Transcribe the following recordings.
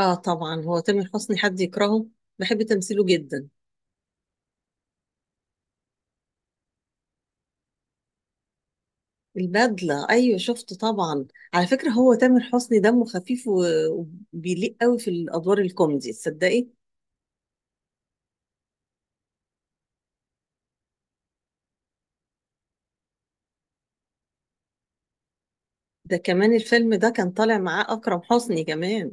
اه، طبعا. هو تامر حسني، حد يكرهه؟ بحب تمثيله جدا. البدلة، ايوه شفته طبعا. على فكرة، هو تامر حسني دمه خفيف وبيليق قوي في الادوار الكوميدي، تصدقي؟ ده كمان الفيلم ده كان طالع معاه اكرم حسني كمان.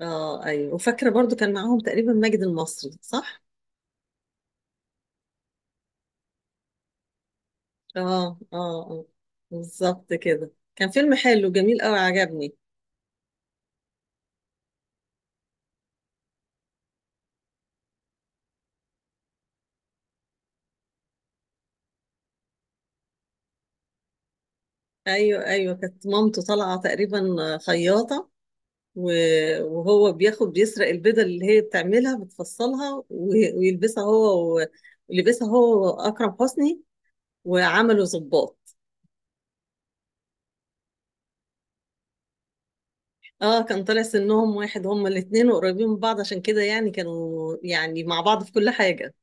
اه، ايوه، وفاكرة برضو كان معاهم تقريبا ماجد المصري، صح؟ اه، اه، اه، بالظبط كده. كان فيلم حلو جميل قوي، عجبني. ايوه، ايوه، كانت مامته طالعة تقريبا خياطة، وهو بيسرق البيضة اللي هي بتعملها بتفصلها ويلبسها هو، ولبسها هو أكرم حسني وعملوا ظباط. اه، كان طالع سنهم واحد، هما الاتنين وقريبين من بعض، عشان كده يعني كانوا يعني مع بعض في كل حاجة.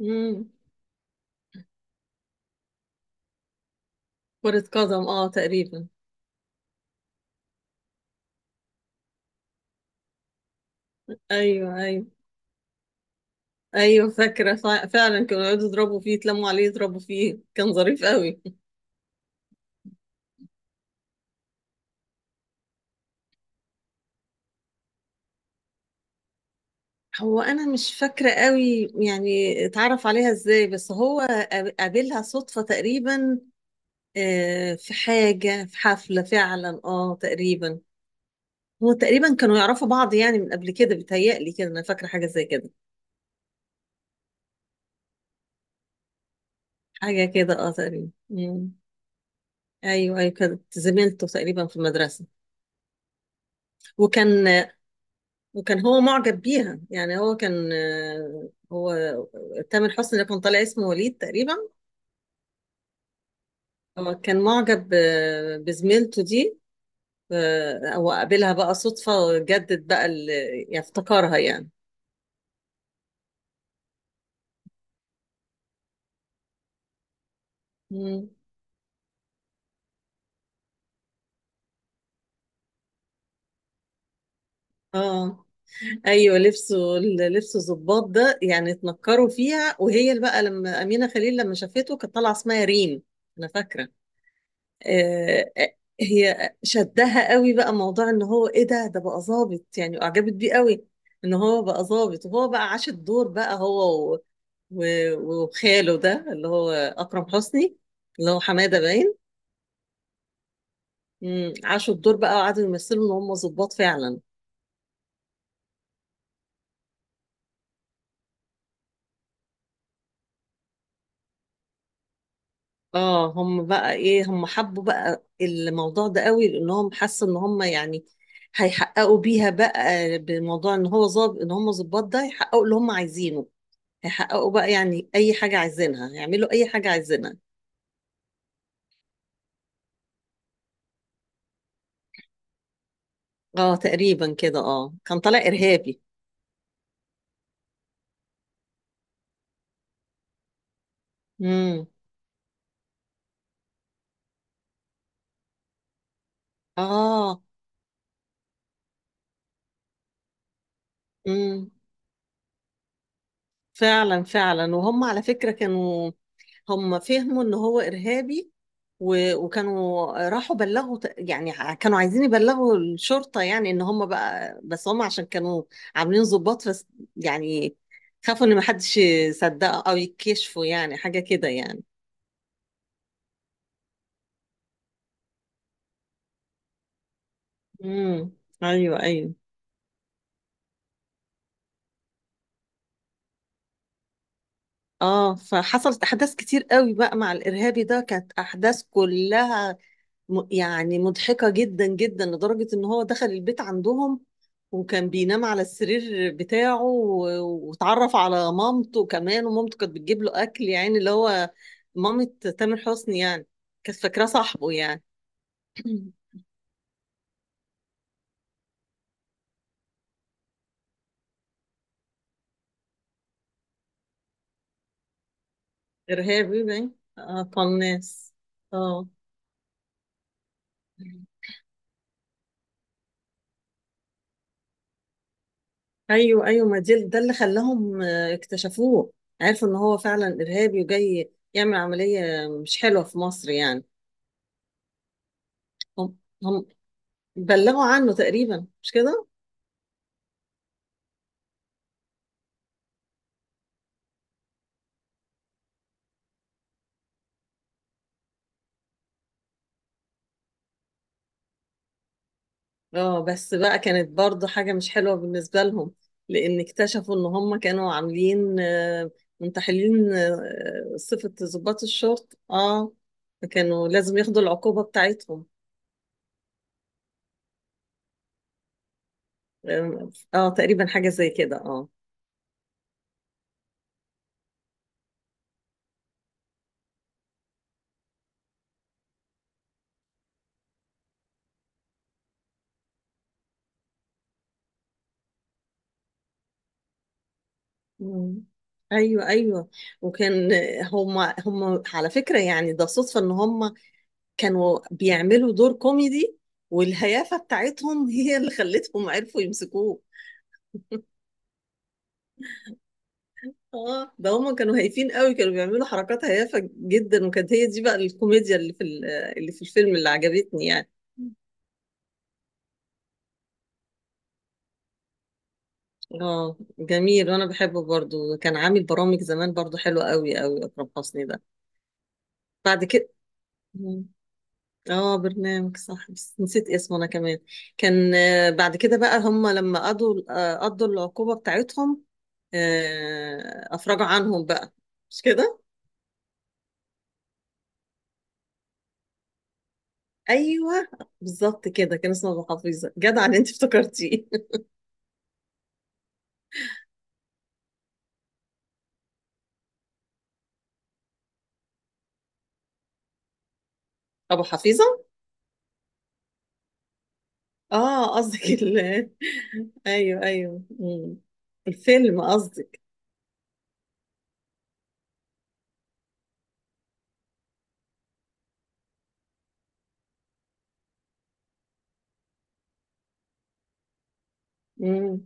امم. كرة قدم، اه، تقريبا. ايوه، ايوه، ايوه، فاكرة، فعلا كانوا يقعدوا يضربوا فيه، يتلموا عليه يضربوا فيه، كان ظريف قوي. هو انا مش فاكره قوي يعني اتعرف عليها ازاي، بس هو قابلها صدفه تقريبا. في حاجه، في حفله فعلا اه تقريبا. هو تقريبا كانوا يعرفوا بعض يعني من قبل كده، بيتهيألي كده، انا فاكره حاجه زي كده. حاجه كده اه تقريبا. مم. ايوه، ايوه، كانت زميلته تقريبا في المدرسه. وكان وكان هو معجب بيها، يعني هو كان، هو تامر حسني اللي كان طالع اسمه وليد تقريبا. هو كان معجب، بزميلته دي. او اقابلها بقى صدفة جدد بقى يعني افتكرها يعني. مم. اه، ايوه، لبسه الضباط ده يعني، اتنكروا فيها، وهي اللي بقى لما امينه خليل لما شافته كانت طالعه اسمها ريم، انا فاكره. هي شدها قوي بقى موضوع ان هو ايه، ده بقى ظابط، يعني اعجبت بيه قوي، ان هو بقى ظابط. وهو بقى عاش الدور بقى هو وخاله ده اللي هو اكرم حسني، اللي هو حماده باين. عاشوا الدور بقى، وقعدوا يمثلوا ان هم ظباط فعلا. اه، هم بقى ايه، هم حبوا بقى الموضوع ده قوي لانهم حسوا ان هم يعني هيحققوا بيها بقى بموضوع ان هو ظابط، ان هم ظباط ده يحققوا اللي هم عايزينه، هيحققوا بقى يعني اي حاجة عايزينها، هيعملوا اي حاجة عايزينها. اه، تقريبا كده، اه، كان طالع ارهابي. امم. اه. امم. فعلا، فعلا، وهم على فكرة كانوا، هم فهموا ان هو ارهابي، وكانوا راحوا بلغوا يعني كانوا عايزين يبلغوا الشرطة يعني ان هم بقى، بس هم عشان كانوا عاملين ضباط بس يعني خافوا ان محدش يصدقه او يكشفوا يعني حاجة كده يعني. امم، ايوه، ايوه. اه، فحصلت احداث كتير قوي بقى مع الارهابي ده، كانت احداث كلها يعني مضحكة جدا جدا، لدرجة ان هو دخل البيت عندهم وكان بينام على السرير بتاعه، واتعرف على مامته كمان، ومامته كانت بتجيب له اكل يعني، اللي هو مامة تامر حسني يعني، كانت فاكراه صاحبه يعني. ارهابي باين، اه، قناص. اه. ايوه، ايوه، ما دي ده اللي خلاهم اكتشفوه، عرفوا ان هو فعلا ارهابي وجاي يعمل عملية مش حلوة في مصر يعني. هم هم بلغوا عنه تقريبا، مش كده؟ اه، بس بقى كانت برضو حاجة مش حلوة بالنسبة لهم، لأن اكتشفوا إن هم كانوا عاملين، منتحلين، صفة ضباط الشرطة، اه. فكانوا لازم ياخدوا العقوبة بتاعتهم. اه، تقريبا حاجة زي كده، اه. مم. ايوه، ايوه، وكان هم هم على فكرة يعني ده صدفة ان هم كانوا بيعملوا دور كوميدي، والهيافة بتاعتهم هي اللي خلتهم عرفوا يمسكوه. اه، ده هما كانوا هايفين قوي، كانوا بيعملوا حركات هيافة جدا، وكانت هي دي بقى الكوميديا اللي في الفيلم اللي عجبتني يعني. اه، جميل، وانا بحبه برضو. كان عامل برامج زمان برضو حلوة قوي قوي اكرم حسني ده. بعد كده. مم. اه، برنامج، صح، بس نسيت اسمه انا كمان. كان، بعد كده بقى، هم لما قضوا العقوبة بتاعتهم، افرجوا عنهم بقى، مش كده؟ ايوه، بالظبط كده، كان اسمه ابو حفيظة، جدع ان انت افتكرتيه. أبو حفيظة؟ قصدك أيوه، أيوه. مم. الفيلم قصدك. مم.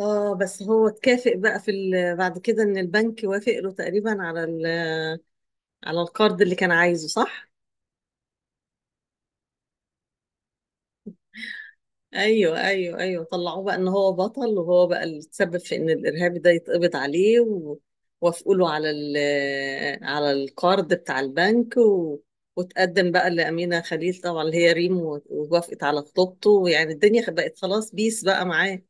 بس هو اتكافئ بقى بعد كده إن البنك وافق له تقريبا على القرض اللي كان عايزه، صح؟ ايوه، ايوه، ايوه، طلعوه بقى ان هو بطل، وهو بقى اللي تسبب في ان الارهابي ده يتقبض عليه، ووافقوا له على القرض بتاع البنك، وتقدم بقى لأمينة خليل طبعا اللي هي ريم، ووافقت على خطوبته، ويعني الدنيا بقت خلاص بيس بقى معاه.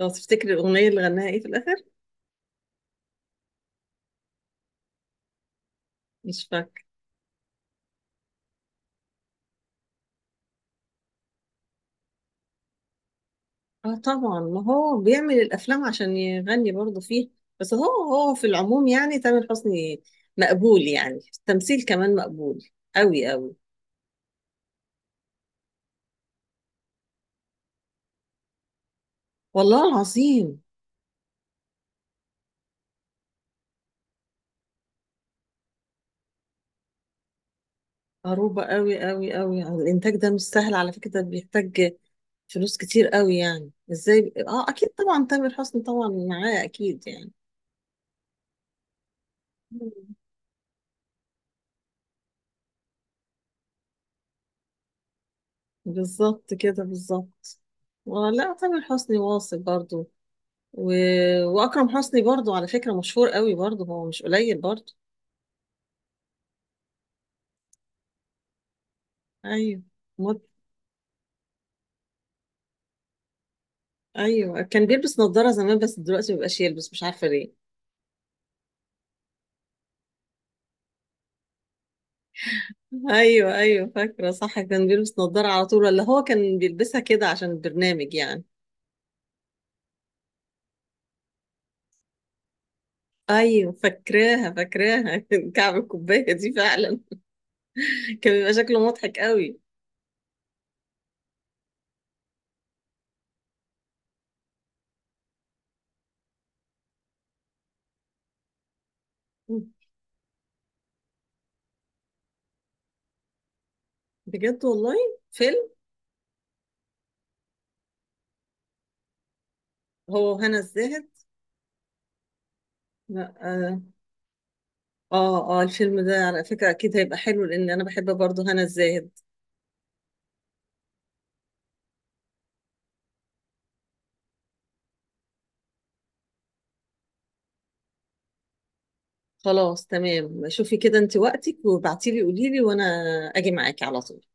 لو تفتكري الأغنية اللي غناها ايه في الآخر؟ مش فاكر. اه، طبعا، ما هو بيعمل الأفلام عشان يغني برضه فيه، بس هو في العموم يعني تامر حسني مقبول، يعني التمثيل كمان مقبول قوي قوي. والله العظيم. عروبة قوي قوي قوي. الإنتاج ده مش سهل على فكرة، ده بيحتاج فلوس كتير قوي، يعني ازاي؟ اه، اكيد طبعا تامر حسني طبعا معاه اكيد يعني. مم. بالظبط كده، بالظبط. ولا تامر حسني واصل برضو، و... واكرم حسني برضو على فكرة مشهور قوي برضو، هو مش قليل برضو. ايوه. مد... ايوه، كان بيلبس نظارة زمان بس دلوقتي مبقاش يلبس، مش عارفة ليه. ايوه، ايوه، فاكره، صح، كان بيلبس نظاره على طول، ولا هو كان بيلبسها كده عشان البرنامج يعني؟ ايوه، فاكراها، فاكراها كعب الكوبايه دي فعلا. كان بيبقى شكله مضحك قوي. بجد، والله. فيلم. هو هنا الزاهد. لا، اه. اه، الفيلم ده على فكره اكيد هيبقى حلو، لان انا بحب برضه هنا الزاهد. خلاص، تمام. شوفي كده انت وقتك وابعتيلي، قوليلي، وانا اجي معاكي على طول.